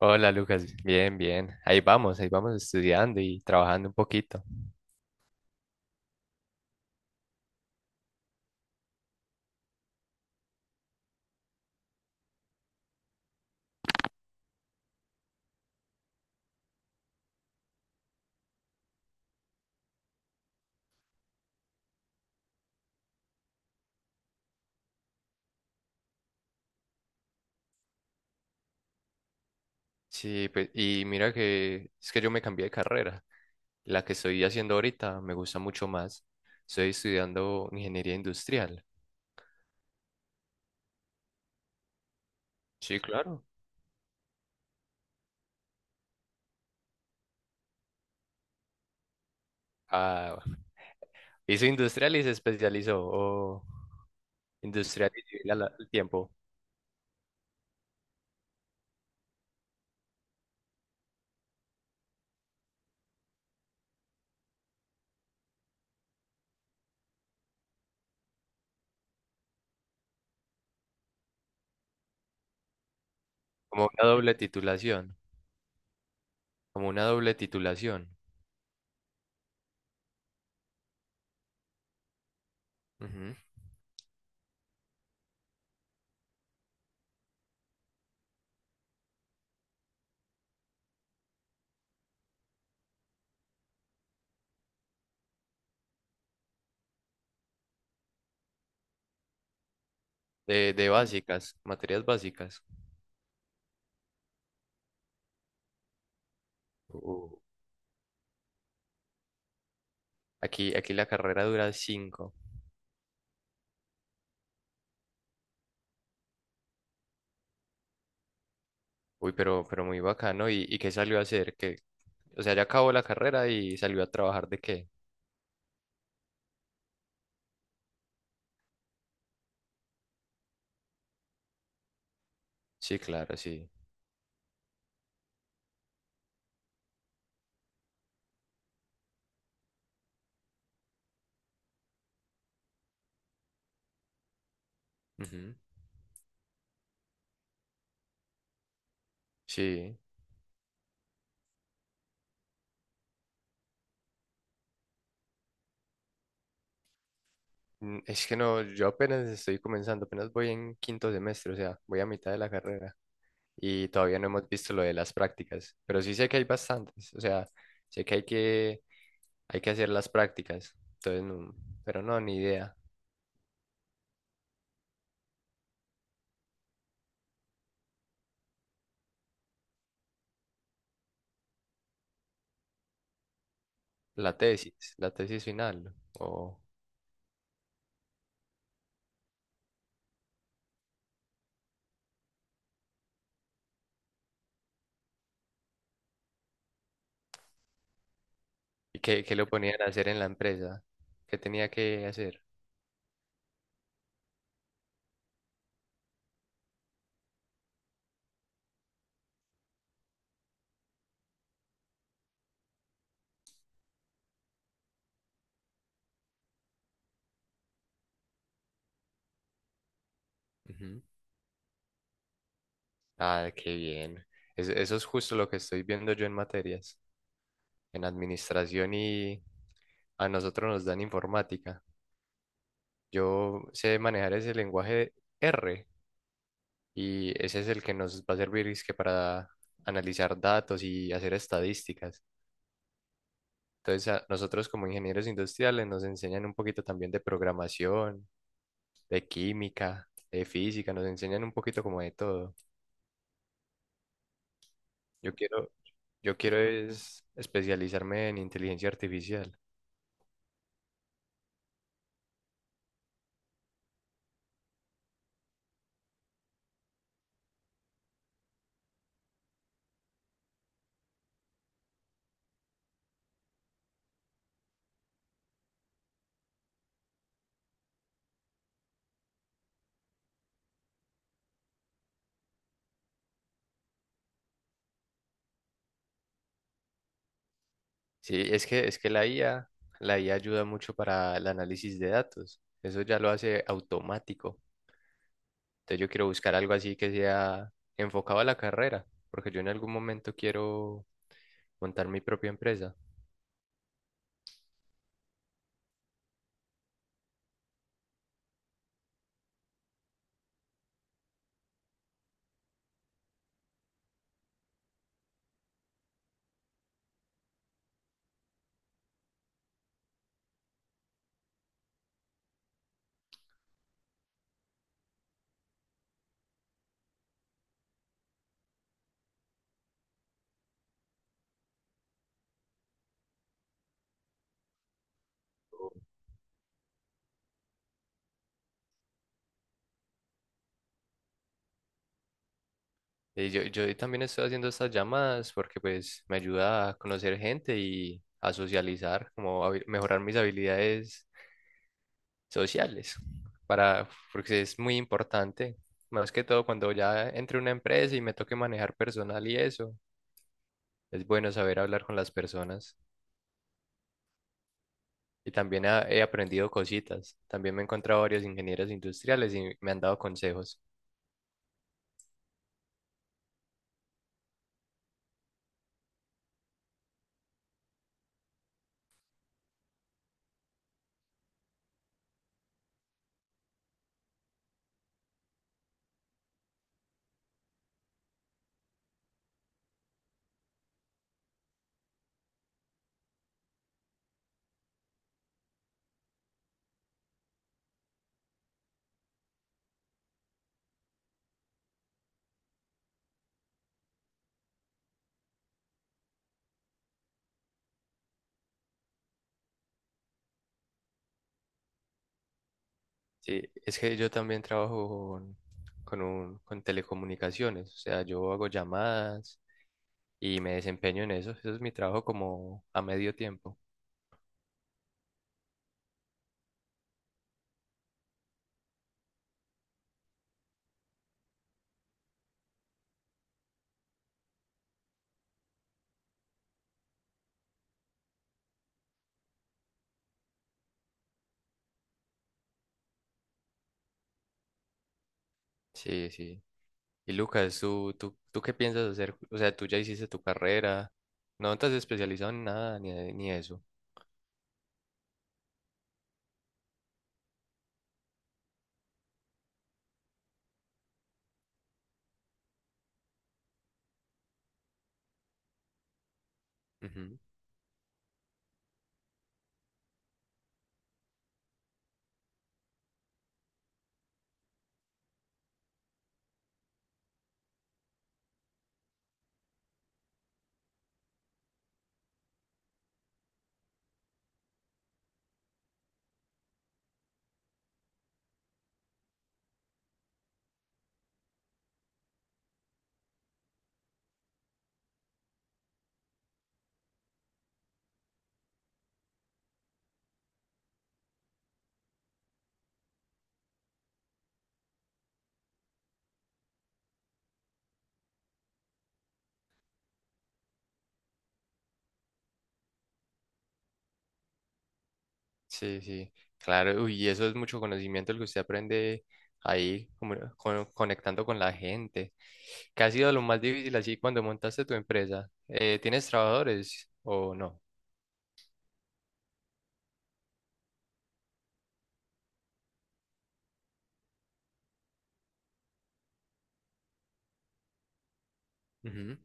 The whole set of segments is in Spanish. Hola Lucas, bien, bien. Ahí vamos estudiando y trabajando un poquito. Sí, pues, y mira que es que yo me cambié de carrera. La que estoy haciendo ahorita me gusta mucho más. Estoy estudiando ingeniería industrial. Sí, claro. Ah, ¿hizo industrial y se especializó, o industrial y civil al tiempo, como una doble titulación. Ujú. De básicas, materias básicas. Uh, Aquí, aquí la carrera dura cinco. Uy, pero muy bacano. Y qué salió a hacer? Que O sea, ya acabó la carrera y salió a trabajar de qué. Sí, claro, sí. Ujú, sí. Mm, es que no, yo apenas estoy comenzando, apenas voy en quinto semestre, o sea, voy a mitad de la carrera y todavía no hemos visto lo de las prácticas, pero sí sé que hay bastantes, o sea, sé que hay que hacer las prácticas, entonces no, pero no, ni idea. La tesis final, ¿no? o ¿y qué, qué lo ponían a hacer en la empresa? ¿Qué tenía que hacer? Ah, qué bien. Eso es justo lo que estoy viendo yo en materias, en administración y a nosotros nos dan informática. Yo sé manejar ese lenguaje R, y ese es el que nos va a servir es que para analizar datos y hacer estadísticas. Entonces, a nosotros como ingenieros industriales nos enseñan un poquito también de programación, de química, de física, nos enseñan un poquito como de todo. Yo quiero, yo quiero es especializarme en inteligencia artificial. Sí, es que la IA, la IA ayuda mucho para el análisis de datos. Eso ya lo hace automático. Entonces yo quiero buscar algo así que sea enfocado a la carrera, porque yo en algún momento quiero montar mi propia empresa. Y yo también estoy haciendo estas llamadas porque pues me ayuda a conocer gente y a socializar, como a mejorar mis habilidades sociales, para, porque es muy importante, más que todo cuando ya entre una empresa y me toque manejar personal y eso. Es bueno saber hablar con las personas. Y también he aprendido cositas. También me he encontrado varios ingenieros industriales y me han dado consejos. Sí, es que yo también trabajo con, con telecomunicaciones. O sea, yo hago llamadas y me desempeño en eso. Eso es mi trabajo como a medio tiempo. Sí, sí. Y Lucas, ¿tú qué piensas hacer? O sea, tú ya hiciste tu carrera. No te has especializado en nada ni, ni eso. Ujú. Sí, sí, claro, uy, y eso es mucho conocimiento el que usted aprende ahí, como conectando con la gente. ¿Qué ha sido lo más difícil así cuando montaste tu empresa? ¿Tienes trabajadores o no? Ujú.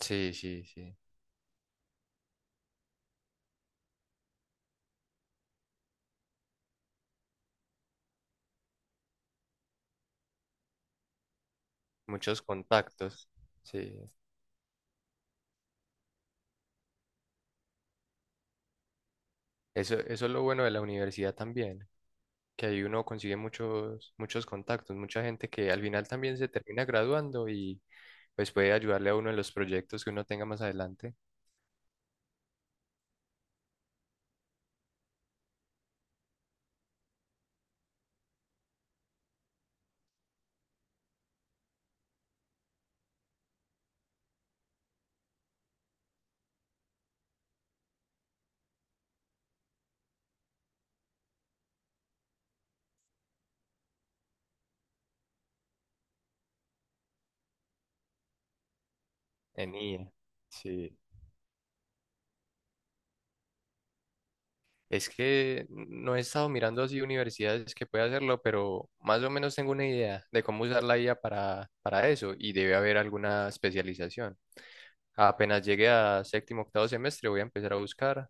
Sí, sí, sí, muchos contactos, sí. Eso es lo bueno de la universidad también, que ahí uno consigue muchos, muchos contactos, mucha gente que al final también se termina graduando y pues puede ayudarle a uno en los proyectos que uno tenga más adelante en IA. Sí. Es que no he estado mirando así universidades que pueda hacerlo, pero más o menos tengo una idea de cómo usar la IA para eso y debe haber alguna especialización. Apenas llegue a séptimo, octavo semestre, voy a empezar a buscar.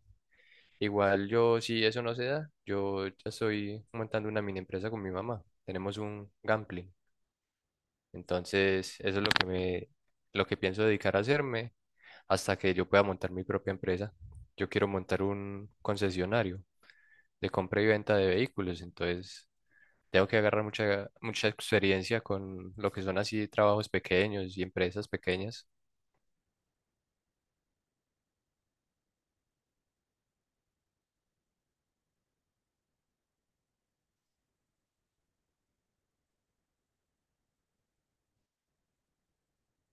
Igual yo, si eso no se da, yo ya estoy montando una mini empresa con mi mamá. Tenemos un gambling. Entonces, eso es lo que me, lo que pienso dedicar a hacerme hasta que yo pueda montar mi propia empresa. Yo quiero montar un concesionario de compra y venta de vehículos, entonces tengo que agarrar mucha, mucha experiencia con lo que son así trabajos pequeños y empresas pequeñas.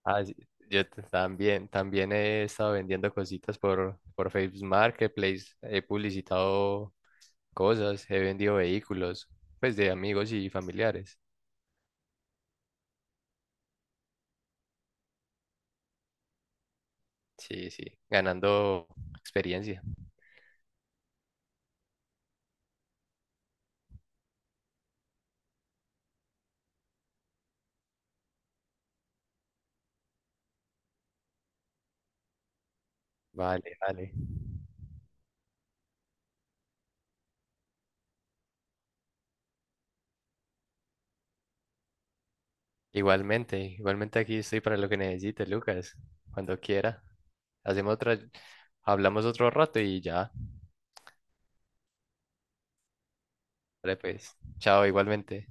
Ah, sí, yo también, también he estado vendiendo cositas por Facebook Marketplace, he publicitado cosas, he vendido vehículos, pues de amigos y familiares. Sí, sí, ganando experiencia. Vale, vale. Igualmente, igualmente aquí estoy para lo que necesite, Lucas, cuando quiera. Hacemos otra, hablamos otro rato y ya. Vale, pues, chao, igualmente.